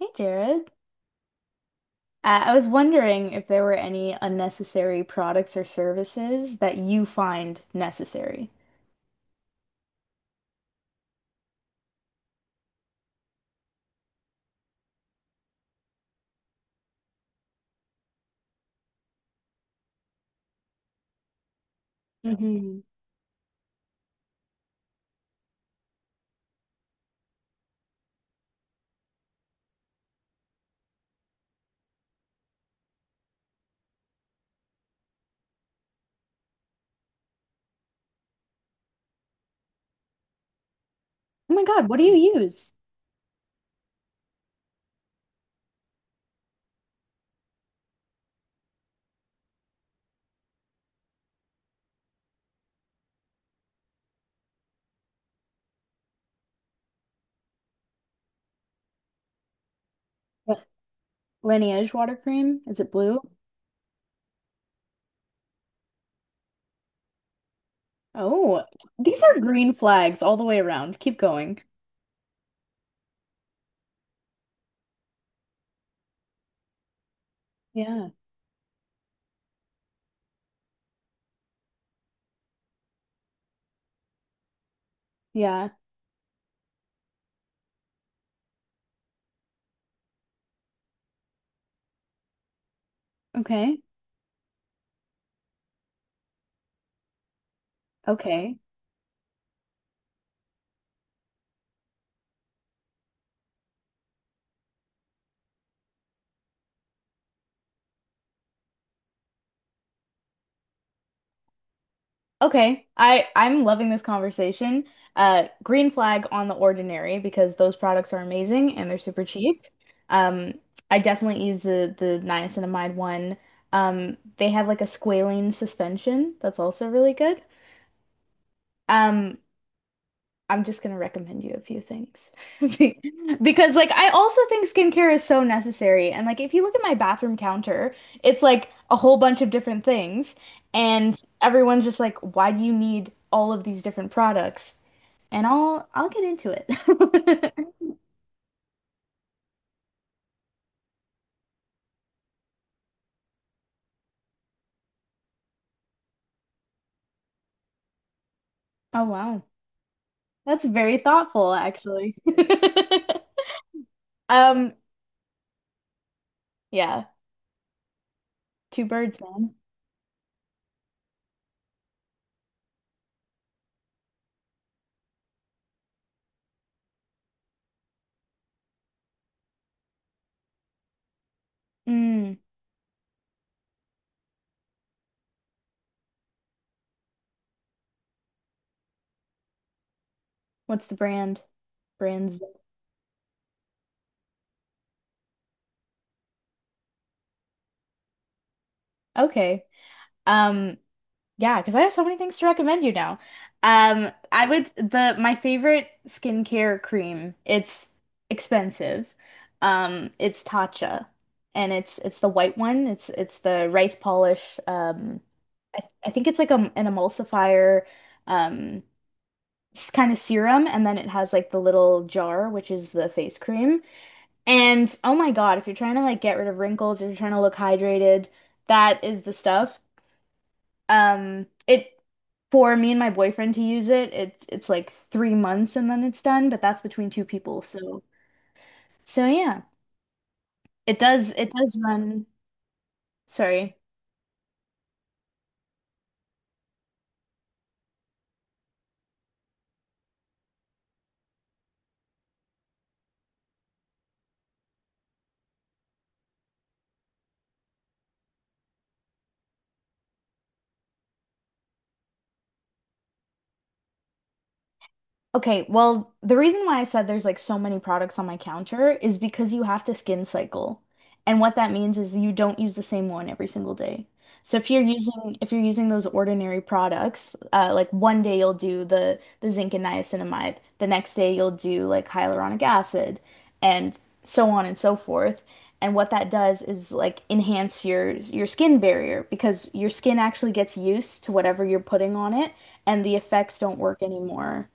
Hey Jared. I was wondering if there were any unnecessary products or services that you find necessary. Hmm Oh my God, what do you use? But Lineage water cream? Is it blue? Oh, these are green flags all the way around. Keep going. Yeah. Yeah. Okay. Okay. Okay, I'm loving this conversation. Green flag on The Ordinary because those products are amazing and they're super cheap. Um, I definitely use the niacinamide one. They have like a squalene suspension that's also really good. Um, I'm just gonna recommend you a few things. Be- Because like I also think skincare is so necessary. And like if you look at my bathroom counter, it's like a whole bunch of different things. And everyone's just like, why do you need all of these different products? And I'll get into it. Oh wow. That's very thoughtful, actually. Um, yeah, two birds, man. Mm, what's the brand? Brands. Okay. Um, yeah, because I have so many things to recommend you now. I would, the my favorite skincare cream. It's expensive. It's Tatcha, and it's the white one. It's the rice polish. I, I think it's like a, an emulsifier, um, kind of serum, and then it has like the little jar, which is the face cream. And oh my God, if you're trying to like get rid of wrinkles, if you're trying to look hydrated, that is the stuff. It For me and my boyfriend to use it, it's like 3 months and then it's done, but that's between two people. So yeah. It does run, sorry. Okay, well, the reason why I said there's like so many products on my counter is because you have to skin cycle. And what that means is you don't use the same one every single day. So if you're using those ordinary products, like 1 day you'll do the zinc and niacinamide, the next day you'll do like hyaluronic acid, and so on and so forth. And what that does is like enhance your skin barrier because your skin actually gets used to whatever you're putting on it, and the effects don't work anymore.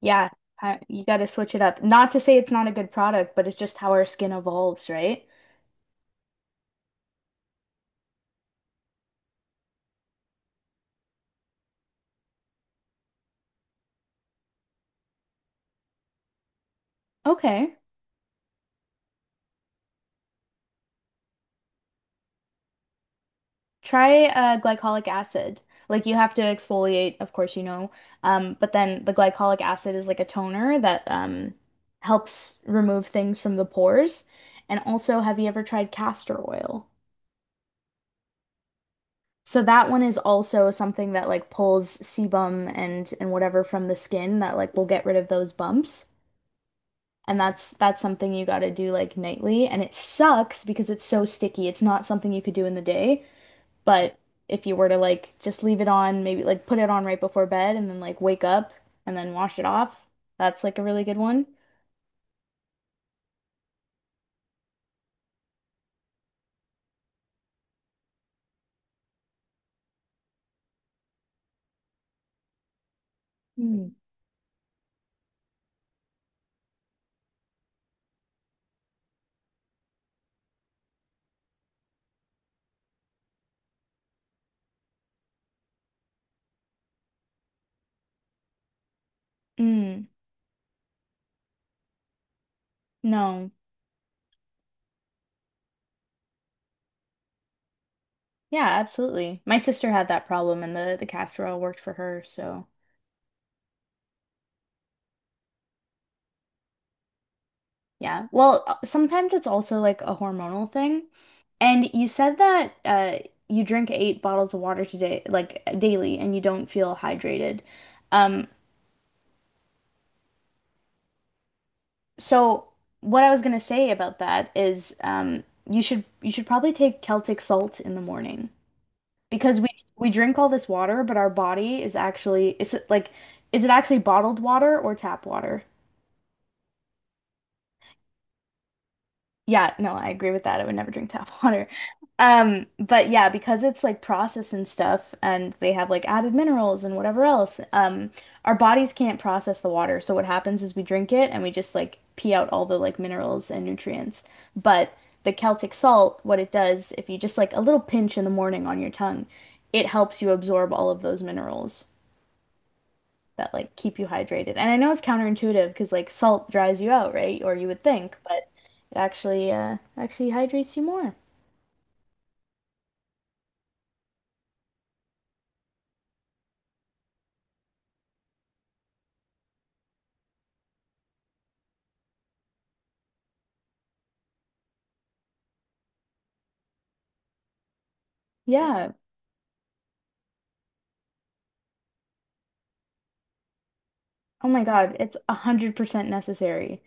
Yeah, you got to switch it up. Not to say it's not a good product, but it's just how our skin evolves, right? Okay. Try glycolic acid. Like you have to exfoliate, of course, you know. But then the glycolic acid is like a toner that helps remove things from the pores. And also, have you ever tried castor oil? So that one is also something that like pulls sebum and whatever from the skin that like will get rid of those bumps. And that's something you got to do like nightly and it sucks because it's so sticky. It's not something you could do in the day, but if you were to like just leave it on, maybe like put it on right before bed and then like wake up and then wash it off, that's like a really good one. Mm. Mm. No. Yeah, absolutely. My sister had that problem and the castor oil worked for her, so yeah. Well, sometimes it's also like a hormonal thing. And you said that you drink 8 bottles of water today, like daily, and you don't feel hydrated. Um, so what I was gonna say about that is you should probably take Celtic salt in the morning because we drink all this water, but our body is actually, is it like, is it actually bottled water or tap water? Yeah, no, I agree with that. I would never drink tap water. But yeah, because it's like processed and stuff, and they have like added minerals and whatever else, our bodies can't process the water. So what happens is we drink it and we just like pee out all the like minerals and nutrients. But the Celtic salt, what it does, if you just like a little pinch in the morning on your tongue, it helps you absorb all of those minerals that like keep you hydrated. And I know it's counterintuitive because like salt dries you out, right? Or you would think, but it actually actually hydrates you more. Yeah. Oh my God, it's 100% necessary.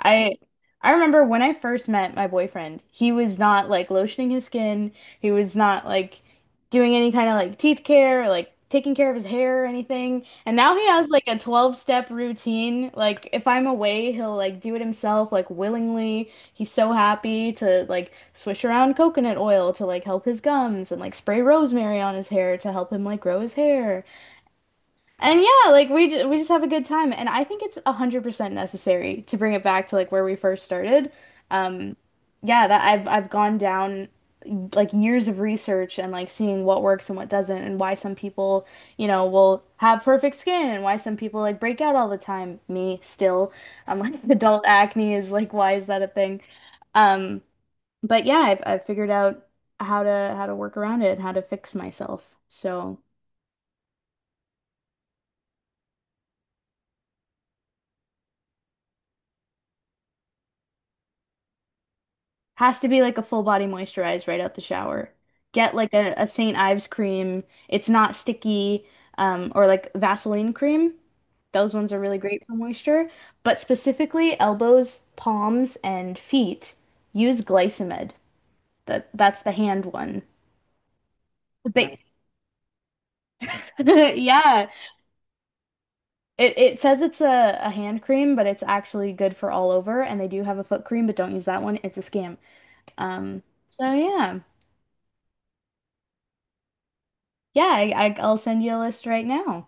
I I remember when I first met my boyfriend, he was not like lotioning his skin. He was not like doing any kind of like teeth care or like taking care of his hair or anything. And now he has like a 12-step routine. Like if I'm away, he'll like do it himself like willingly. He's so happy to like swish around coconut oil to like help his gums and like spray rosemary on his hair to help him like grow his hair. And yeah, like we just have a good time, and I think it's 100% necessary to bring it back to like where we first started. Um, yeah, that I've gone down like years of research and like seeing what works and what doesn't, and why some people, you know, will have perfect skin and why some people like break out all the time. Me still, I'm like adult acne is like why is that a thing? Um, but yeah, I've figured out how to work around it and how to fix myself. So. Has to be like a full body moisturize right out the shower. Get like a St. Ives cream. It's not sticky, or like Vaseline cream. Those ones are really great for moisture. But specifically, elbows, palms, and feet, use Glycimed. That's the hand one. They, yeah. It says it's a hand cream, but it's actually good for all over. And they do have a foot cream, but don't use that one. It's a scam. So yeah. Yeah, I'll send you a list right now.